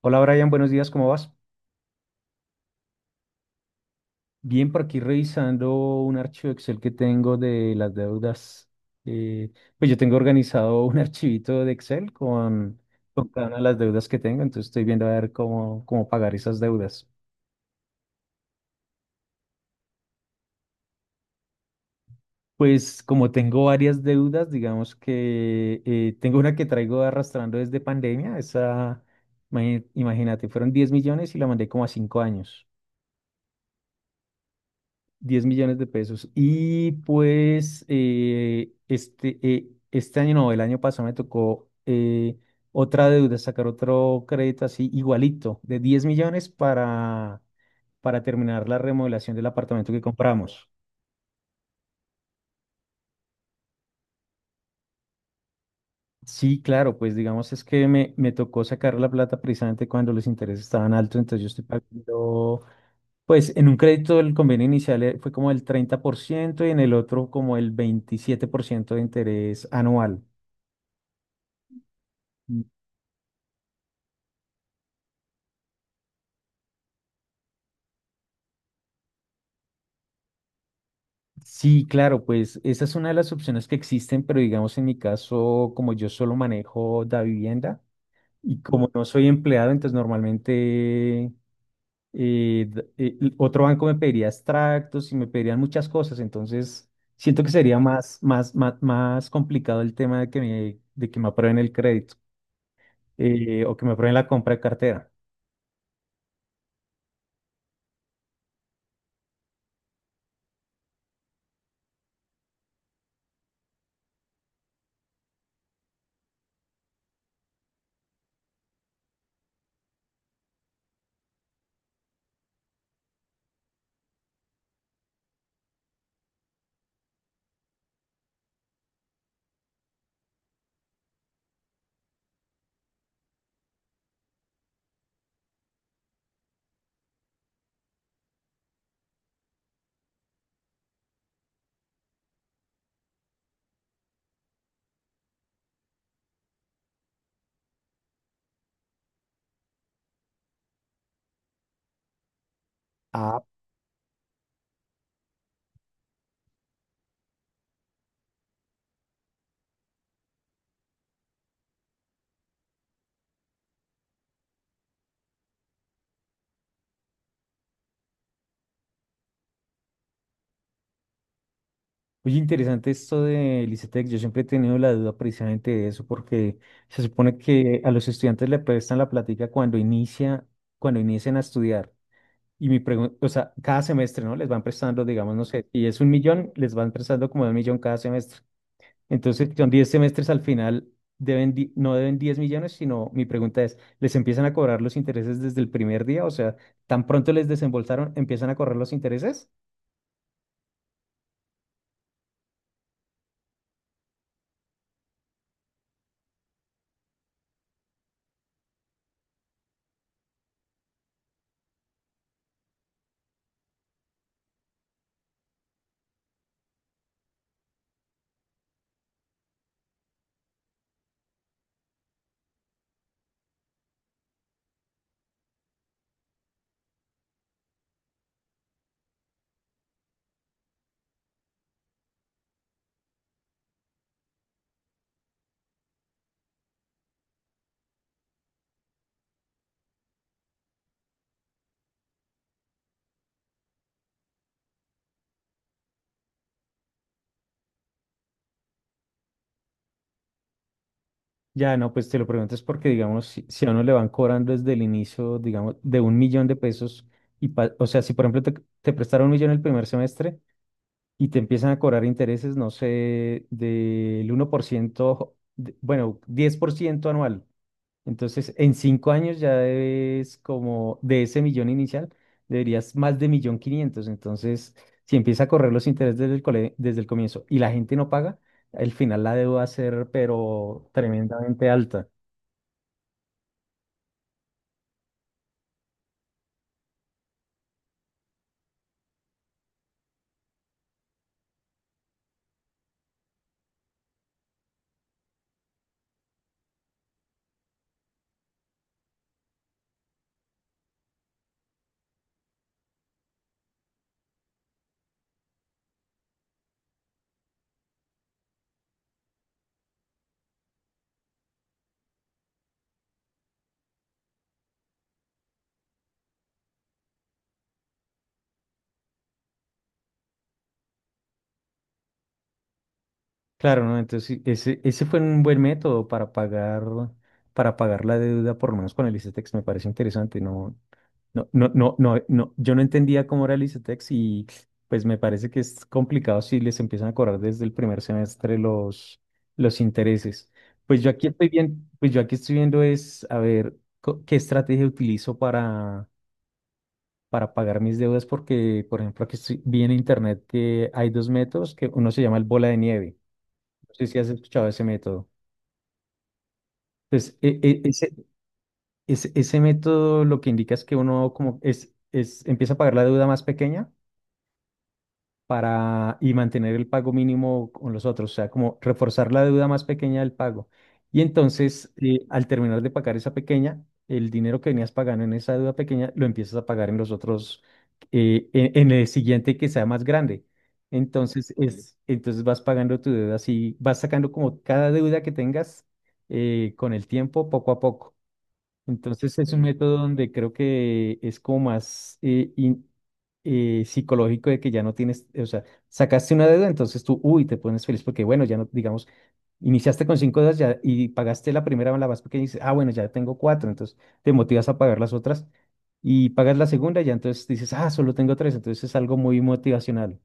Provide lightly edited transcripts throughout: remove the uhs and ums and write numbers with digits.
Hola Brian, buenos días, ¿cómo vas? Bien, por aquí revisando un archivo Excel que tengo de las deudas. eh, pues yo tengo organizado un archivito de Excel con cada una de las deudas que tengo, entonces estoy viendo a ver cómo pagar esas deudas. Pues como tengo varias deudas, digamos que tengo una que traigo arrastrando desde pandemia, esa, imagínate, fueron 10 millones y la mandé como a 5 años. 10 millones de pesos. Y pues este año, no, el año pasado me tocó otra deuda, sacar otro crédito así igualito, de 10 millones para terminar la remodelación del apartamento que compramos. Sí, claro, pues digamos es que me tocó sacar la plata precisamente cuando los intereses estaban altos, entonces yo estoy pagando, pues en un crédito el convenio inicial fue como el 30% y en el otro como el 27% de interés anual. Sí, claro, pues esa es una de las opciones que existen, pero digamos en mi caso, como yo solo manejo la vivienda y como no soy empleado, entonces normalmente otro banco me pediría extractos y me pedirían muchas cosas, entonces siento que sería más complicado el tema de que me aprueben el crédito o que me aprueben la compra de cartera. Oye, interesante esto de Licetec. Yo siempre he tenido la duda precisamente de eso, porque se supone que a los estudiantes le prestan la plática cuando inician a estudiar. Y mi pregunta, o sea, cada semestre, ¿no? Les van prestando, digamos, no sé, y es un millón, les van prestando como un millón cada semestre. Entonces, son 10 semestres al final, deben, no deben 10 millones, sino mi pregunta es, ¿les empiezan a cobrar los intereses desde el primer día? O sea, ¿tan pronto les desembolsaron, empiezan a correr los intereses? Ya, no, pues te lo pregunto es porque, digamos, si a uno le van cobrando desde el inicio, digamos, de un millón de pesos, y o sea, si por ejemplo te prestaron un millón el primer semestre y te empiezan a cobrar intereses, no sé, del 1%, bueno, 10% anual. Entonces, en 5 años ya debes como de ese millón inicial, deberías más de millón quinientos. Entonces, si empieza a correr los intereses desde el comienzo y la gente no paga, al final la deuda va a ser, pero tremendamente alta. Claro, ¿no? Entonces, sí, ese fue un buen método para pagar la deuda, por lo menos con el ICETEX, me parece interesante. No, no, no, no, no, no, yo no entendía cómo era el ICETEX y pues me parece que es complicado si les empiezan a cobrar desde el primer semestre los intereses. Pues yo aquí estoy bien, pues yo aquí estoy viendo es a ver qué estrategia utilizo para pagar mis deudas, porque, por ejemplo, aquí estoy, vi en internet que hay dos métodos, que uno se llama el bola de nieve. Sí, sí, has escuchado ese método. Entonces, ese método lo que indica es que uno como empieza a pagar la deuda más pequeña para y mantener el pago mínimo con los otros, o sea, como reforzar la deuda más pequeña del pago. Y entonces, al terminar de pagar esa pequeña, el dinero que venías pagando en esa deuda pequeña lo empiezas a pagar en los otros, en el siguiente que sea más grande. Entonces, entonces vas pagando tu deuda así, vas sacando como cada deuda que tengas con el tiempo, poco a poco. Entonces es un método donde creo que es como más psicológico de que ya no tienes, o sea, sacaste una deuda, entonces tú, uy, te pones feliz porque, bueno, ya no, digamos, iniciaste con cinco deudas ya, y pagaste la primera, la más pequeña, y dices, ah, bueno, ya tengo cuatro, entonces te motivas a pagar las otras y pagas la segunda, ya entonces dices, ah, solo tengo tres, entonces es algo muy motivacional.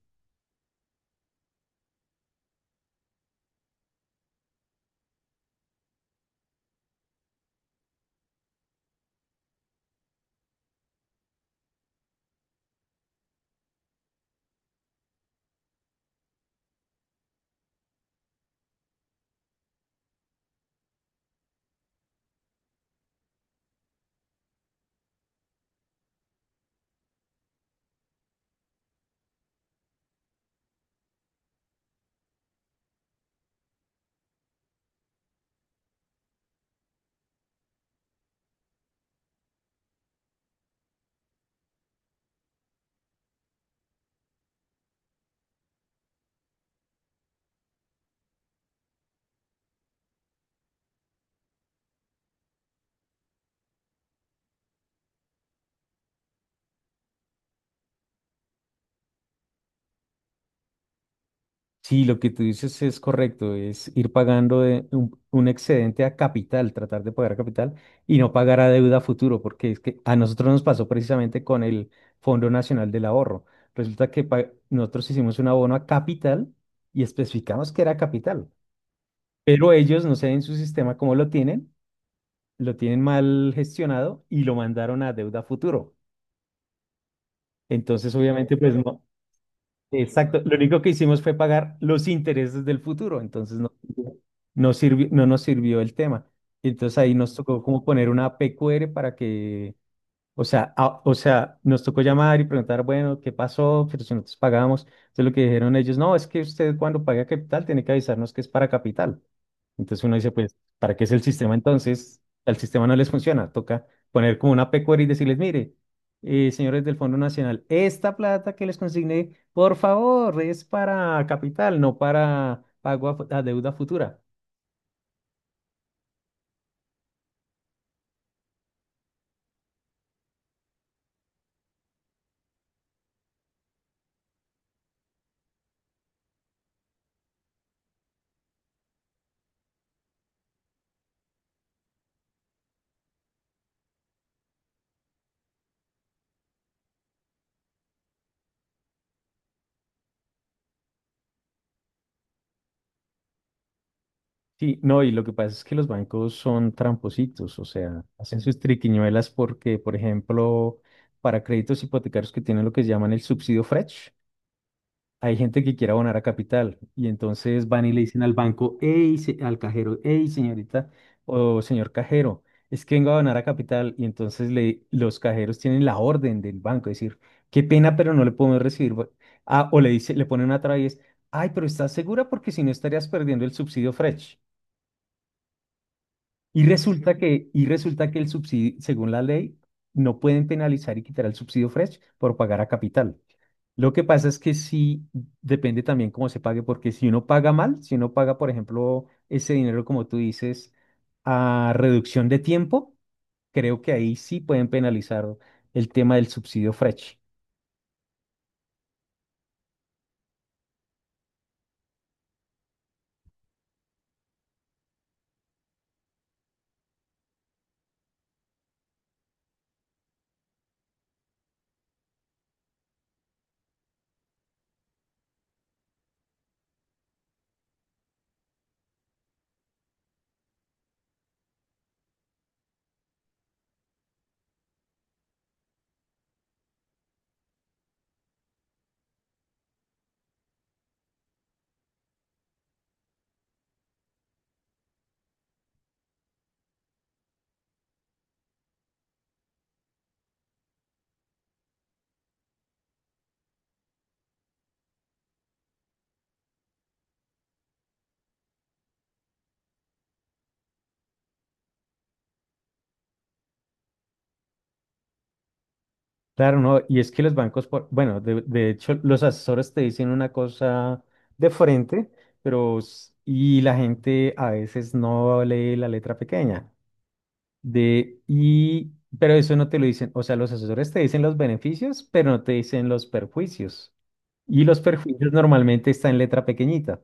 Sí, lo que tú dices es correcto, es ir pagando de un excedente a capital, tratar de pagar a capital y no pagar a deuda a futuro, porque es que a nosotros nos pasó precisamente con el Fondo Nacional del Ahorro. Resulta que nosotros hicimos un abono a capital y especificamos que era capital, pero ellos, no sé en su sistema cómo lo tienen mal gestionado y lo mandaron a deuda a futuro. Entonces, obviamente, pues no, exacto. Lo único que hicimos fue pagar los intereses del futuro, entonces no nos sirvió el tema. Entonces ahí nos tocó como poner una PQR para que, o sea, nos tocó llamar y preguntar, bueno, ¿qué pasó? Pero si nosotros pagamos. Entonces lo que dijeron ellos, no, es que usted cuando paga capital tiene que avisarnos que es para capital. Entonces uno dice, pues, ¿para qué es el sistema entonces? Al sistema no les funciona, toca poner como una pecuaria y decirles, mire, señores del Fondo Nacional, esta plata que les consigné, por favor, es para capital, no para pago a deuda futura. Sí, no, y lo que pasa es que los bancos son trampositos, o sea, hacen sus triquiñuelas porque, por ejemplo, para créditos hipotecarios que tienen lo que llaman el subsidio Fresh, hay gente que quiere abonar a capital y entonces van y le dicen al banco, hey, al cajero, hey, señorita o señor cajero, es que vengo a abonar a capital y entonces los cajeros tienen la orden del banco, decir, qué pena, pero no le podemos recibir. Ah, o le dice, le ponen una traba y es, ay, pero ¿estás segura? Porque si no estarías perdiendo el subsidio Fresh. Y resulta que el subsidio, según la ley, no pueden penalizar y quitar el subsidio Fresh por pagar a capital. Lo que pasa es que sí depende también cómo se pague, porque si uno paga mal, si uno paga, por ejemplo, ese dinero, como tú dices, a reducción de tiempo, creo que ahí sí pueden penalizar el tema del subsidio Fresh. Claro, no, y es que los bancos, bueno, de hecho, los asesores te dicen una cosa de frente, pero y la gente a veces no lee la letra pequeña. De, y, pero eso no te lo dicen, o sea, los asesores te dicen los beneficios, pero no te dicen los perjuicios. Y los perjuicios normalmente están en letra pequeñita.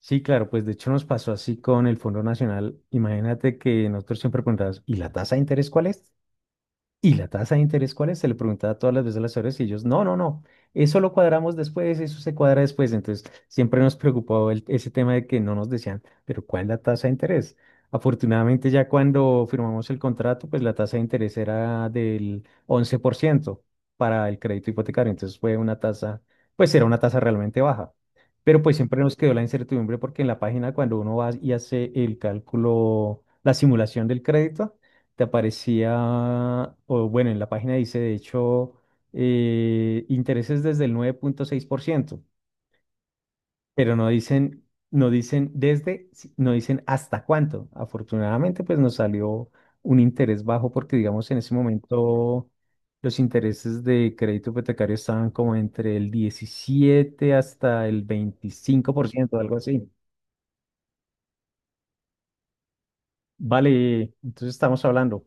Sí, claro, pues de hecho nos pasó así con el Fondo Nacional. Imagínate que nosotros siempre preguntábamos, ¿y la tasa de interés cuál es? ¿Y la tasa de interés cuál es? Se le preguntaba todas las veces a las horas y ellos, no, no, no, eso lo cuadramos después, eso se cuadra después. Entonces, siempre nos preocupó ese tema de que no nos decían, pero ¿cuál es la tasa de interés? Afortunadamente, ya cuando firmamos el contrato, pues la tasa de interés era del 11% para el crédito hipotecario. Entonces, fue una tasa, pues era una tasa realmente baja. Pero pues siempre nos quedó la incertidumbre porque en la página cuando uno va y hace el cálculo, la simulación del crédito, te aparecía, o bueno, en la página dice, de hecho, intereses desde el 9,6% pero no dicen hasta cuánto. Afortunadamente, pues nos salió un interés bajo porque, digamos, en ese momento los intereses de crédito hipotecario estaban como entre el 17 hasta el 25% algo así. Vale, entonces estamos hablando.